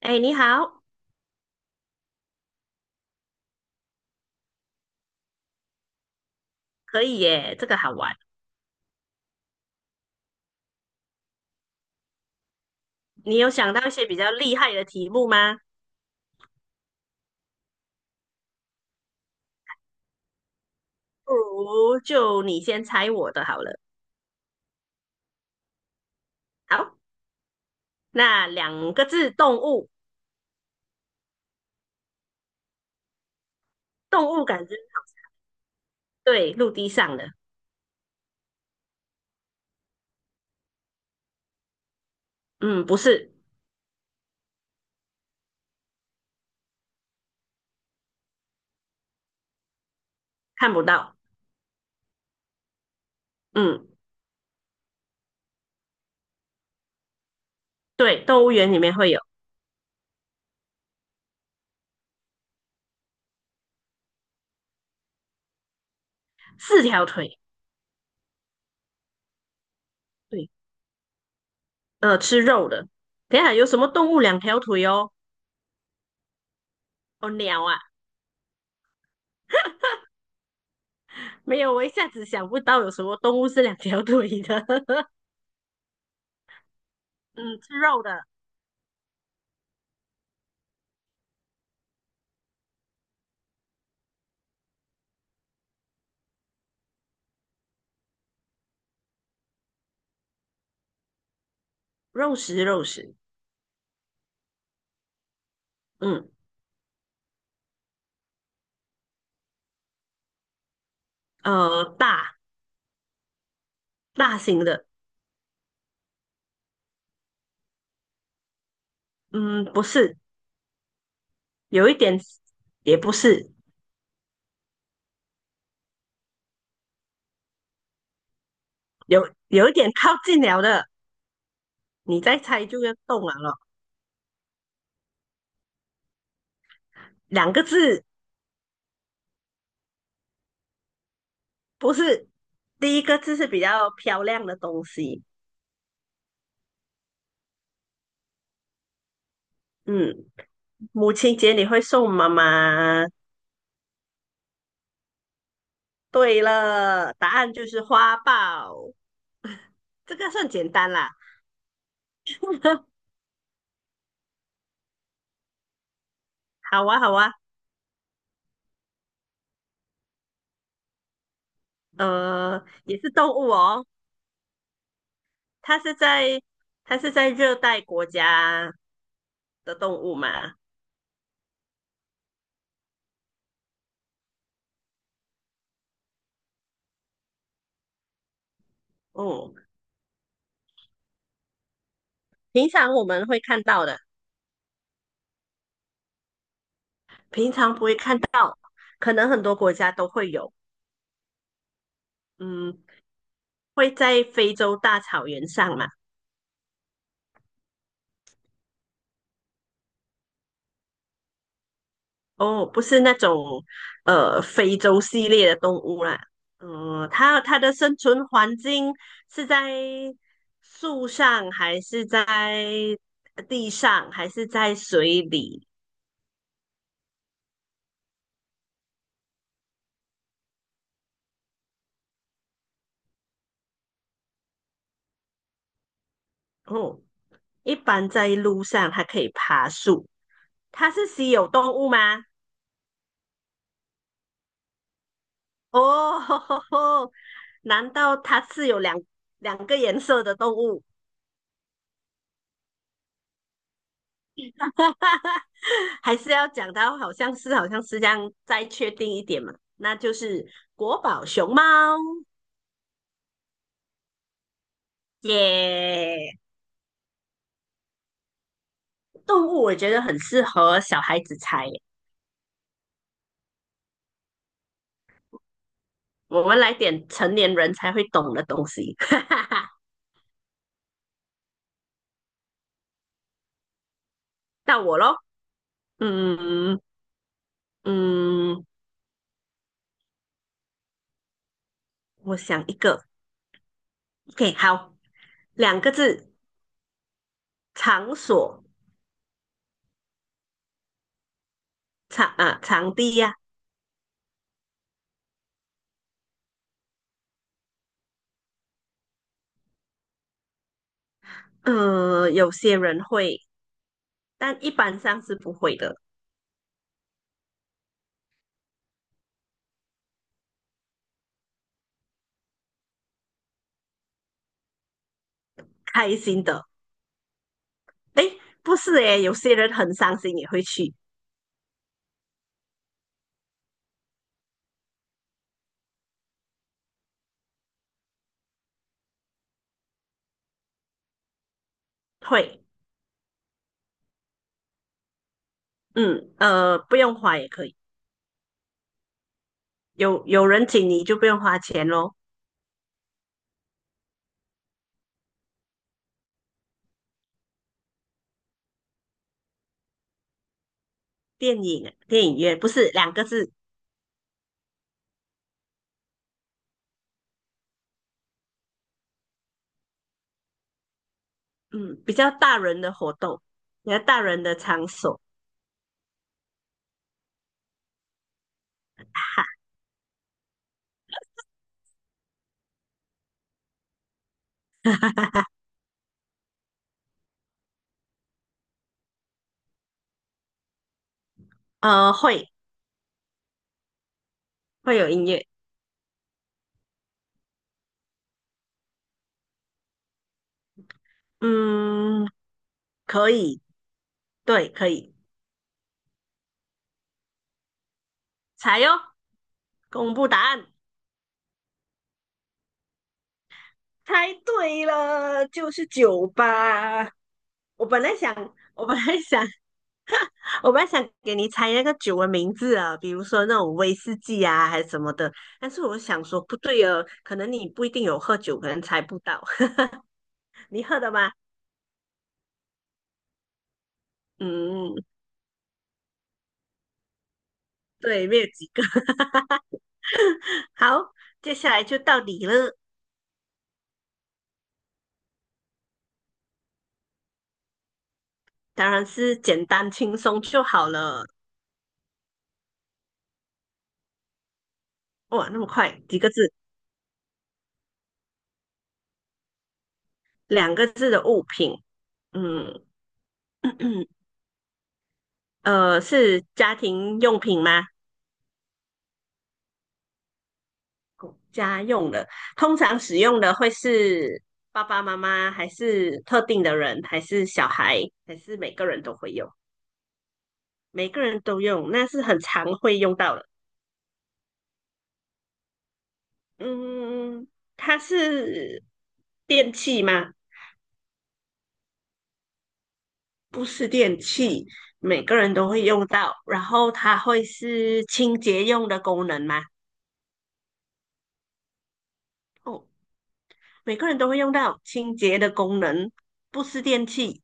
哎，你好。可以耶，这个好玩。你有想到一些比较厉害的题目吗？不如就你先猜我的好了。好，那两个字，动物。动物感觉对，陆地上的。嗯，不是。看不到。嗯，对，动物园里面会有四条腿。对，吃肉的。等一下有什么动物两条腿哦？哦，鸟啊。没有，我一下子想不到有什么动物是两条腿的。嗯，吃肉的。肉食，肉食。嗯。大大型的。嗯，不是。有一点也不是。有一点靠近了的。你再猜就要动了咯。两个字。不是。第一个字是比较漂亮的东西。嗯，母亲节你会送妈妈。对了，答案就是花豹。这个算简单啦。好啊，好啊。也是动物哦。它是在它是在热带国家的动物嘛。嗯。平常我们会看到的。平常不会看到，可能很多国家都会有。嗯，会在非洲大草原上嘛？哦，不是那种非洲系列的动物啦。嗯，它的生存环境是在树上，还是在地上，还是在水里？哦，一般在路上，它可以爬树。它是稀有动物吗？哦，难道它是有两两个颜色的动物？还是要讲到好像是好像是这样，再确定一点嘛？那就是国宝熊猫耶。动物我觉得很适合小孩子猜耶。我们来点成年人才会懂的东西。到我咯。嗯，嗯，我想一个。OK，好。两个字，场所。场啊，场地呀、有些人会，但一般上是不会的。开心的。诶，不是诶，有些人很伤心也会去。会。不用花也可以。有人请你就不用花钱咯。电影电影院不是两个字。嗯，比较大人的活动，比较大人的场所。哈。会会有音乐。嗯，可以。对，可以。猜哟。公布答案。猜对了，就是酒吧。我本来想，我本来想，我本来想给你猜那个酒的名字啊，比如说那种威士忌啊，还是什么的。但是我想说，不对哦，可能你不一定有喝酒，可能猜不到。你喝的吗？嗯，对，没有几个。好，接下来就到你了。当然是简单轻松就好了。哇，那么快，几个字？两个字的物品。嗯。是家庭用品吗？家用的，通常使用的会是爸爸妈妈，还是特定的人，还是小孩，还是每个人都会用？每个人都用，那是很常会用到的。嗯，它是电器吗？不是电器，每个人都会用到。然后它会是清洁用的功能吗？哦，每个人都会用到清洁的功能。不是电器。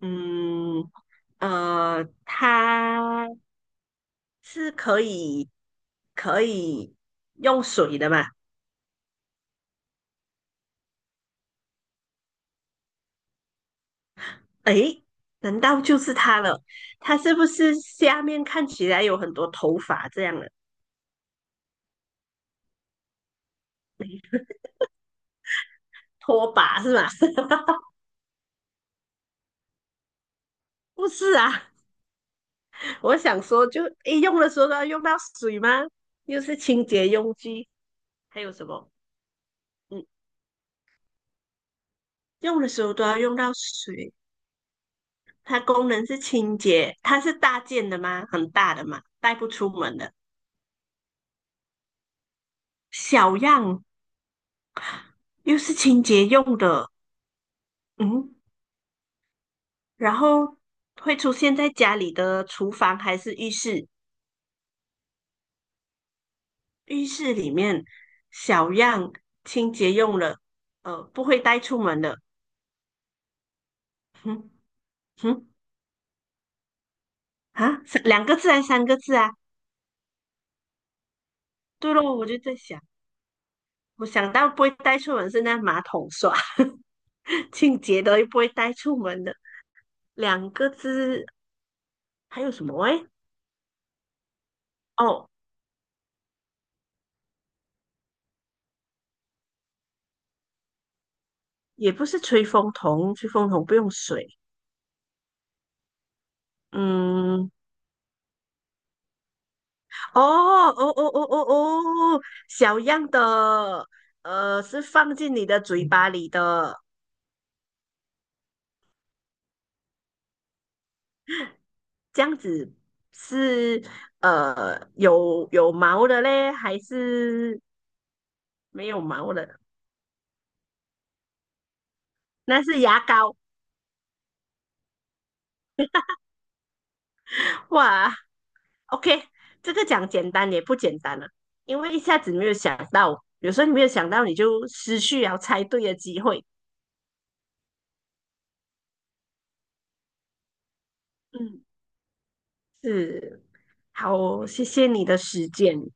嗯，它是可以用水的嘛？诶，难道就是它了？它是不是下面看起来有很多头发这样的拖把是吗？不是啊。我想说就，诶用的时候都要用到水吗？又是清洁用具，还有什么？嗯，用的时候都要用到水。它功能是清洁，它是大件的吗？很大的嘛，带不出门的。小样又是清洁用的。嗯，然后会出现在家里的厨房还是浴室？浴室里面小样清洁用了。不会带出门的。哼。哼。啊，三两个字还是三个字啊？对咯，我就在想。我想到不会带出门是那马桶刷。清洁的又不会带出门的。两个字还有什么？哎。哦，也不是吹风筒，吹风筒不用水。嗯，哦哦哦哦哦哦。小样的，是放进你的嘴巴里的。这样子是有毛的嘞，还是没有毛的？那是牙膏。哇，OK，这个讲简单也不简单了。因为一下子没有想到，有时候你没有想到，你就失去了猜对的机会。嗯，是。好，谢谢你的时间。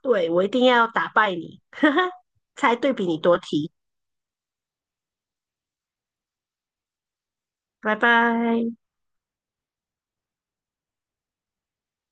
对，我一定要打败你，才对比你多题。拜拜。